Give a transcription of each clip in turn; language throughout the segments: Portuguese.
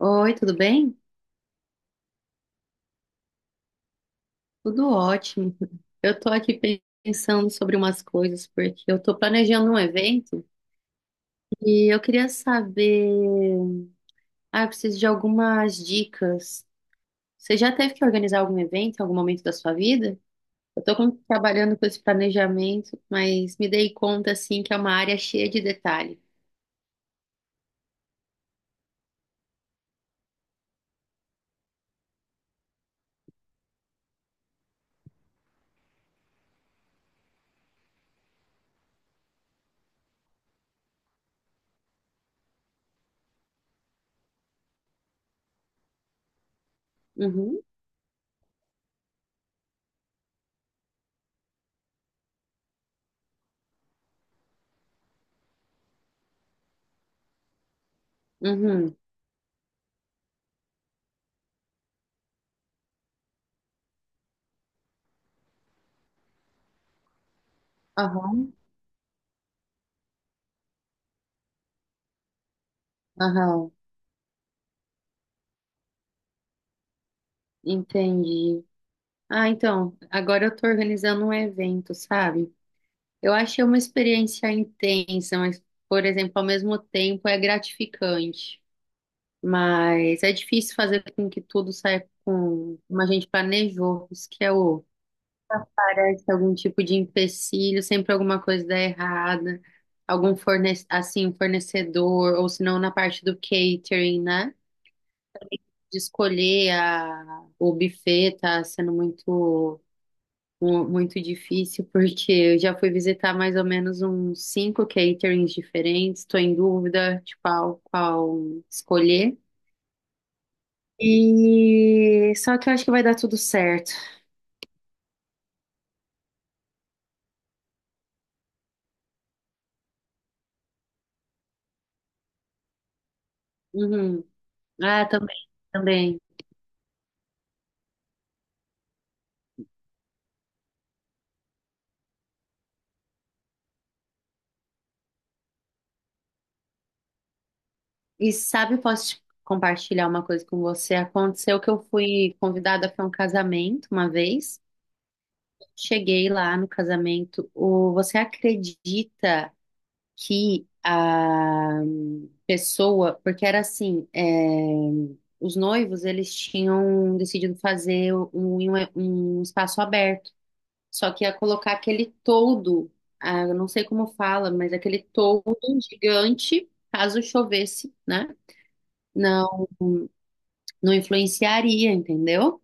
Oi, tudo bem? Tudo ótimo. Eu tô aqui pensando sobre umas coisas, porque eu tô planejando um evento e eu queria saber. Ah, eu preciso de algumas dicas. Você já teve que organizar algum evento em algum momento da sua vida? Eu tô trabalhando com esse planejamento, mas me dei conta, assim, que é uma área cheia de detalhe. Uhum, uhum, aham, aham, entendi. Ah, então, agora eu tô organizando um evento, sabe? Eu achei uma experiência intensa, mas, por exemplo, ao mesmo tempo é gratificante. Mas é difícil fazer com que tudo saia como a gente planejou. Isso que é o. Parece algum tipo de empecilho, sempre alguma coisa dá errada. Algum um fornecedor, ou se não na parte do catering, né? De escolher o buffet tá sendo muito muito difícil, porque eu já fui visitar mais ou menos uns cinco caterings diferentes, estou em dúvida de qual escolher. E só que eu acho que vai dar tudo certo. Uhum. Ah, também, também. E sabe, posso te compartilhar uma coisa com você? Aconteceu que eu fui convidada para um casamento uma vez. Cheguei lá no casamento. O, você acredita, que a pessoa, porque era assim, os noivos eles tinham decidido fazer um espaço aberto, só que ia colocar aquele toldo, ah, eu não sei como fala, mas aquele toldo gigante, caso chovesse, né? Não, não influenciaria, entendeu?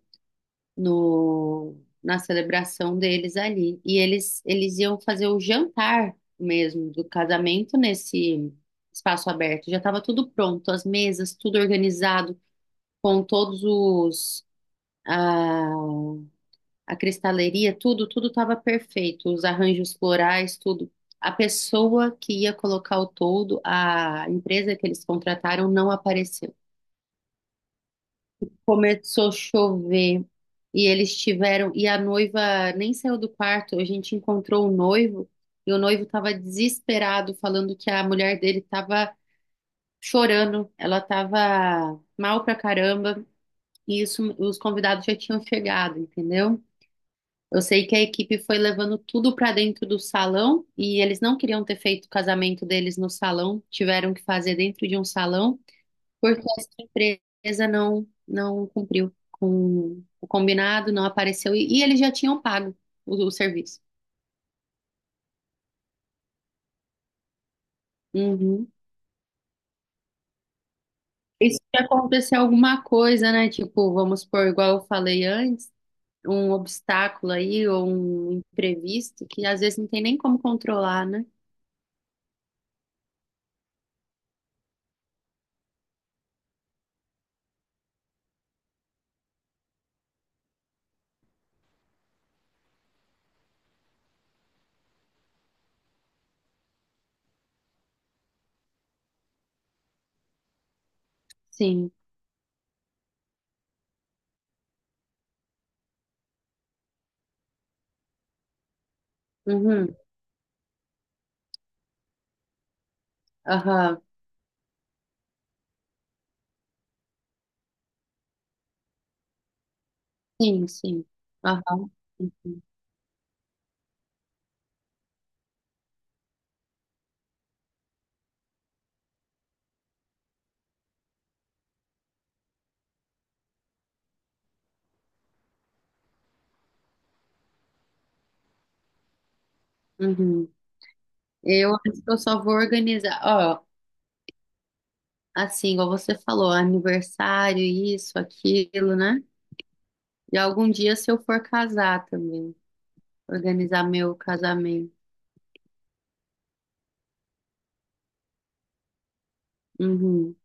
No, na celebração deles ali. E eles iam fazer o jantar mesmo do casamento nesse espaço aberto. Já estava tudo pronto, as mesas, tudo organizado, com todos os. A, a cristaleria, tudo, tudo estava perfeito, os arranjos florais, tudo. A pessoa que ia colocar o toldo, a empresa que eles contrataram, não apareceu. Começou a chover e eles tiveram. E a noiva nem saiu do quarto. A gente encontrou o noivo e o noivo estava desesperado, falando que a mulher dele estava chorando, ela estava mal pra caramba. E isso, os convidados já tinham chegado, entendeu? Eu sei que a equipe foi levando tudo pra dentro do salão e eles não queriam ter feito o casamento deles no salão, tiveram que fazer dentro de um salão porque essa empresa não cumpriu com o combinado, não apareceu e eles já tinham pago o serviço. Uhum. E se acontecer alguma coisa, né? Tipo, vamos supor, igual eu falei antes, um obstáculo aí ou um imprevisto que às vezes não tem nem como controlar, né? Sim. Uhum. Aham. Sim, sim. Aham. Uhum. Uhum. Eu acho que eu só vou organizar. Ó, assim, igual você falou, aniversário, isso, aquilo, né? E algum dia, se eu for casar também, organizar meu casamento. Uhum,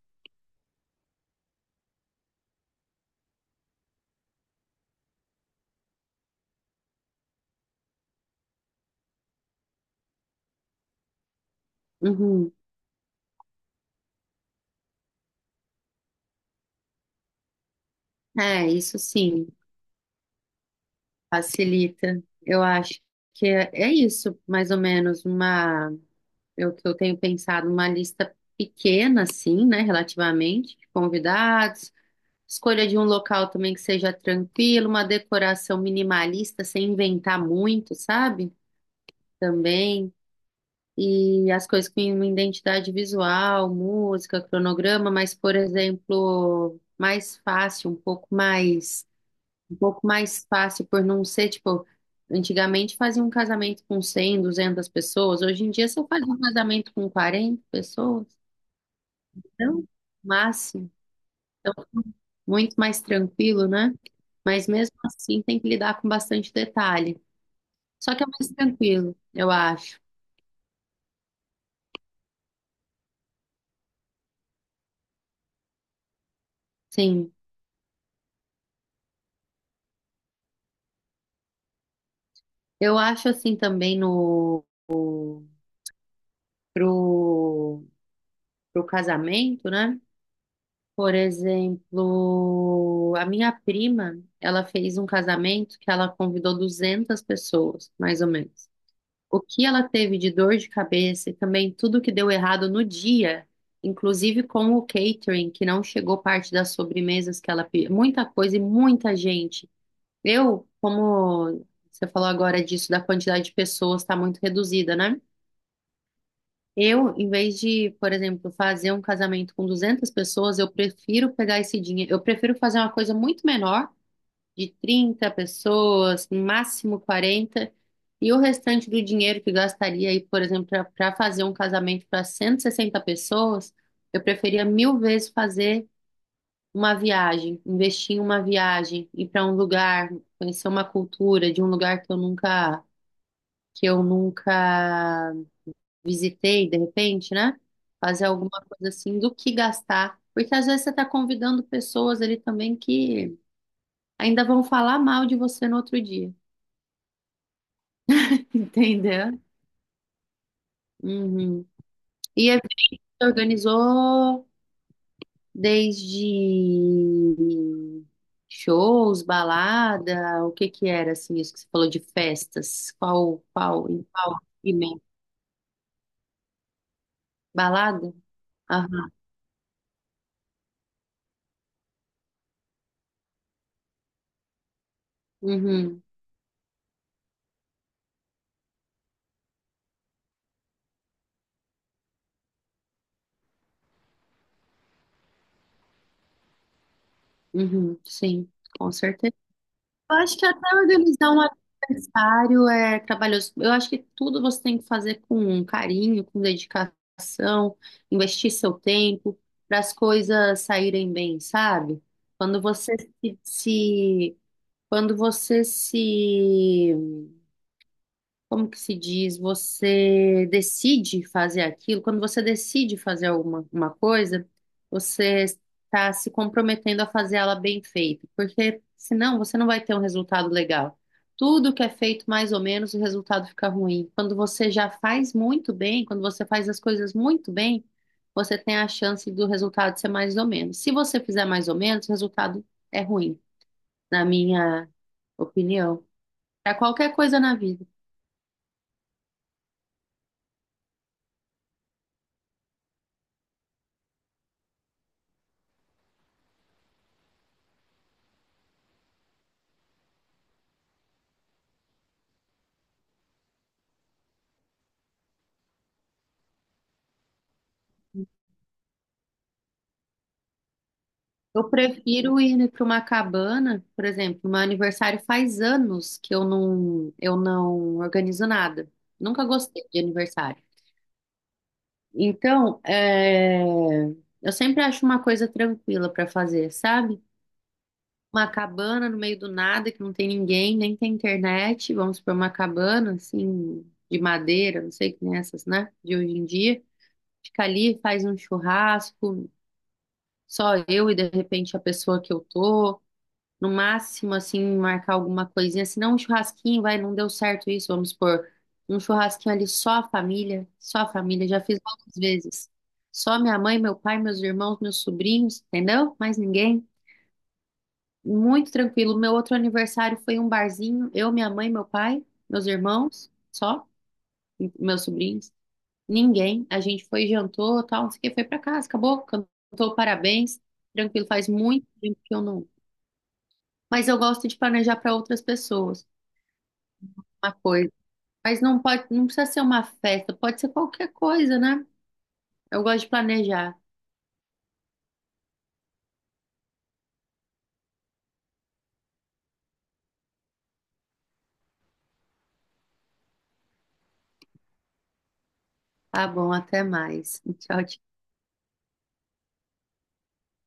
uhum. É, isso sim, facilita. Eu acho que é, é isso, mais ou menos, uma, eu que eu tenho pensado, uma lista pequena, assim, né, relativamente, de convidados, escolha de um local também que seja tranquilo, uma decoração minimalista, sem inventar muito, sabe? Também. E as coisas com uma identidade visual, música, cronograma, mas, por exemplo, mais fácil, um pouco mais fácil por não ser, tipo, antigamente fazia um casamento com 100, 200 pessoas, hoje em dia você faz um casamento com 40 pessoas, então, máximo, então, muito mais tranquilo, né? Mas mesmo assim tem que lidar com bastante detalhe. Só que é mais tranquilo, eu acho. Sim. Eu acho assim também no pro, pro casamento, né? Por exemplo, a minha prima, ela fez um casamento que ela convidou 200 pessoas, mais ou menos. O que ela teve de dor de cabeça e também tudo que deu errado no dia, inclusive com o catering, que não chegou parte das sobremesas que ela pediu, muita coisa e muita gente. Eu, como você falou agora disso, da quantidade de pessoas está muito reduzida, né? Eu, em vez de, por exemplo, fazer um casamento com 200 pessoas, eu prefiro pegar esse dinheiro. Eu prefiro fazer uma coisa muito menor, de 30 pessoas, no máximo 40, e o restante do dinheiro que gastaria aí, por exemplo, para fazer um casamento para 160 pessoas, eu preferia mil vezes fazer uma viagem, investir em uma viagem, ir para um lugar, conhecer uma cultura de um lugar que eu nunca visitei, de repente, né? Fazer alguma coisa assim do que gastar. Porque às vezes você está convidando pessoas ali também que ainda vão falar mal de você no outro dia. Entendeu? Uhum. E a gente organizou desde shows, balada, o que que era assim, isso que você falou de festas? Em qual segmento? Balada? Aham. Uhum. Uhum. Sim, com certeza. Eu acho que até organizar um aniversário é trabalhoso. Eu acho que tudo você tem que fazer com carinho, com dedicação, investir seu tempo para as coisas saírem bem, sabe? Quando você se como que se diz, você decide fazer aquilo, quando você decide fazer alguma uma coisa, você está se comprometendo a fazer ela bem feita, porque senão você não vai ter um resultado legal. Tudo que é feito mais ou menos, o resultado fica ruim. Quando você já faz muito bem, quando você faz as coisas muito bem, você tem a chance do resultado ser mais ou menos. Se você fizer mais ou menos, o resultado é ruim, na minha opinião. Para qualquer coisa na vida. Eu prefiro ir para uma cabana, por exemplo, meu aniversário faz anos que eu não organizo nada. Nunca gostei de aniversário. Então, é, eu sempre acho uma coisa tranquila para fazer, sabe? Uma cabana no meio do nada, que não tem ninguém, nem tem internet. Vamos para uma cabana, assim, de madeira, não sei que nem essas, né? De hoje em dia. Fica ali, faz um churrasco, só eu e de repente a pessoa que eu tô. No máximo, assim, marcar alguma coisinha. Se não, um churrasquinho, vai, não deu certo isso, vamos supor. Um churrasquinho ali só a família, já fiz várias vezes. Só minha mãe, meu pai, meus irmãos, meus sobrinhos, entendeu? Mais ninguém. Muito tranquilo. Meu outro aniversário foi um barzinho, eu, minha mãe, meu pai, meus irmãos, só, e meus sobrinhos. Ninguém. A gente foi, jantou, tal, não sei o que, foi pra casa, acabou, cantou parabéns. Tranquilo, faz muito tempo que eu não. Mas eu gosto de planejar para outras pessoas. Uma coisa. Mas não pode, não precisa ser uma festa, pode ser qualquer coisa, né? Eu gosto de planejar. Tá bom, até mais. Tchau, tchau.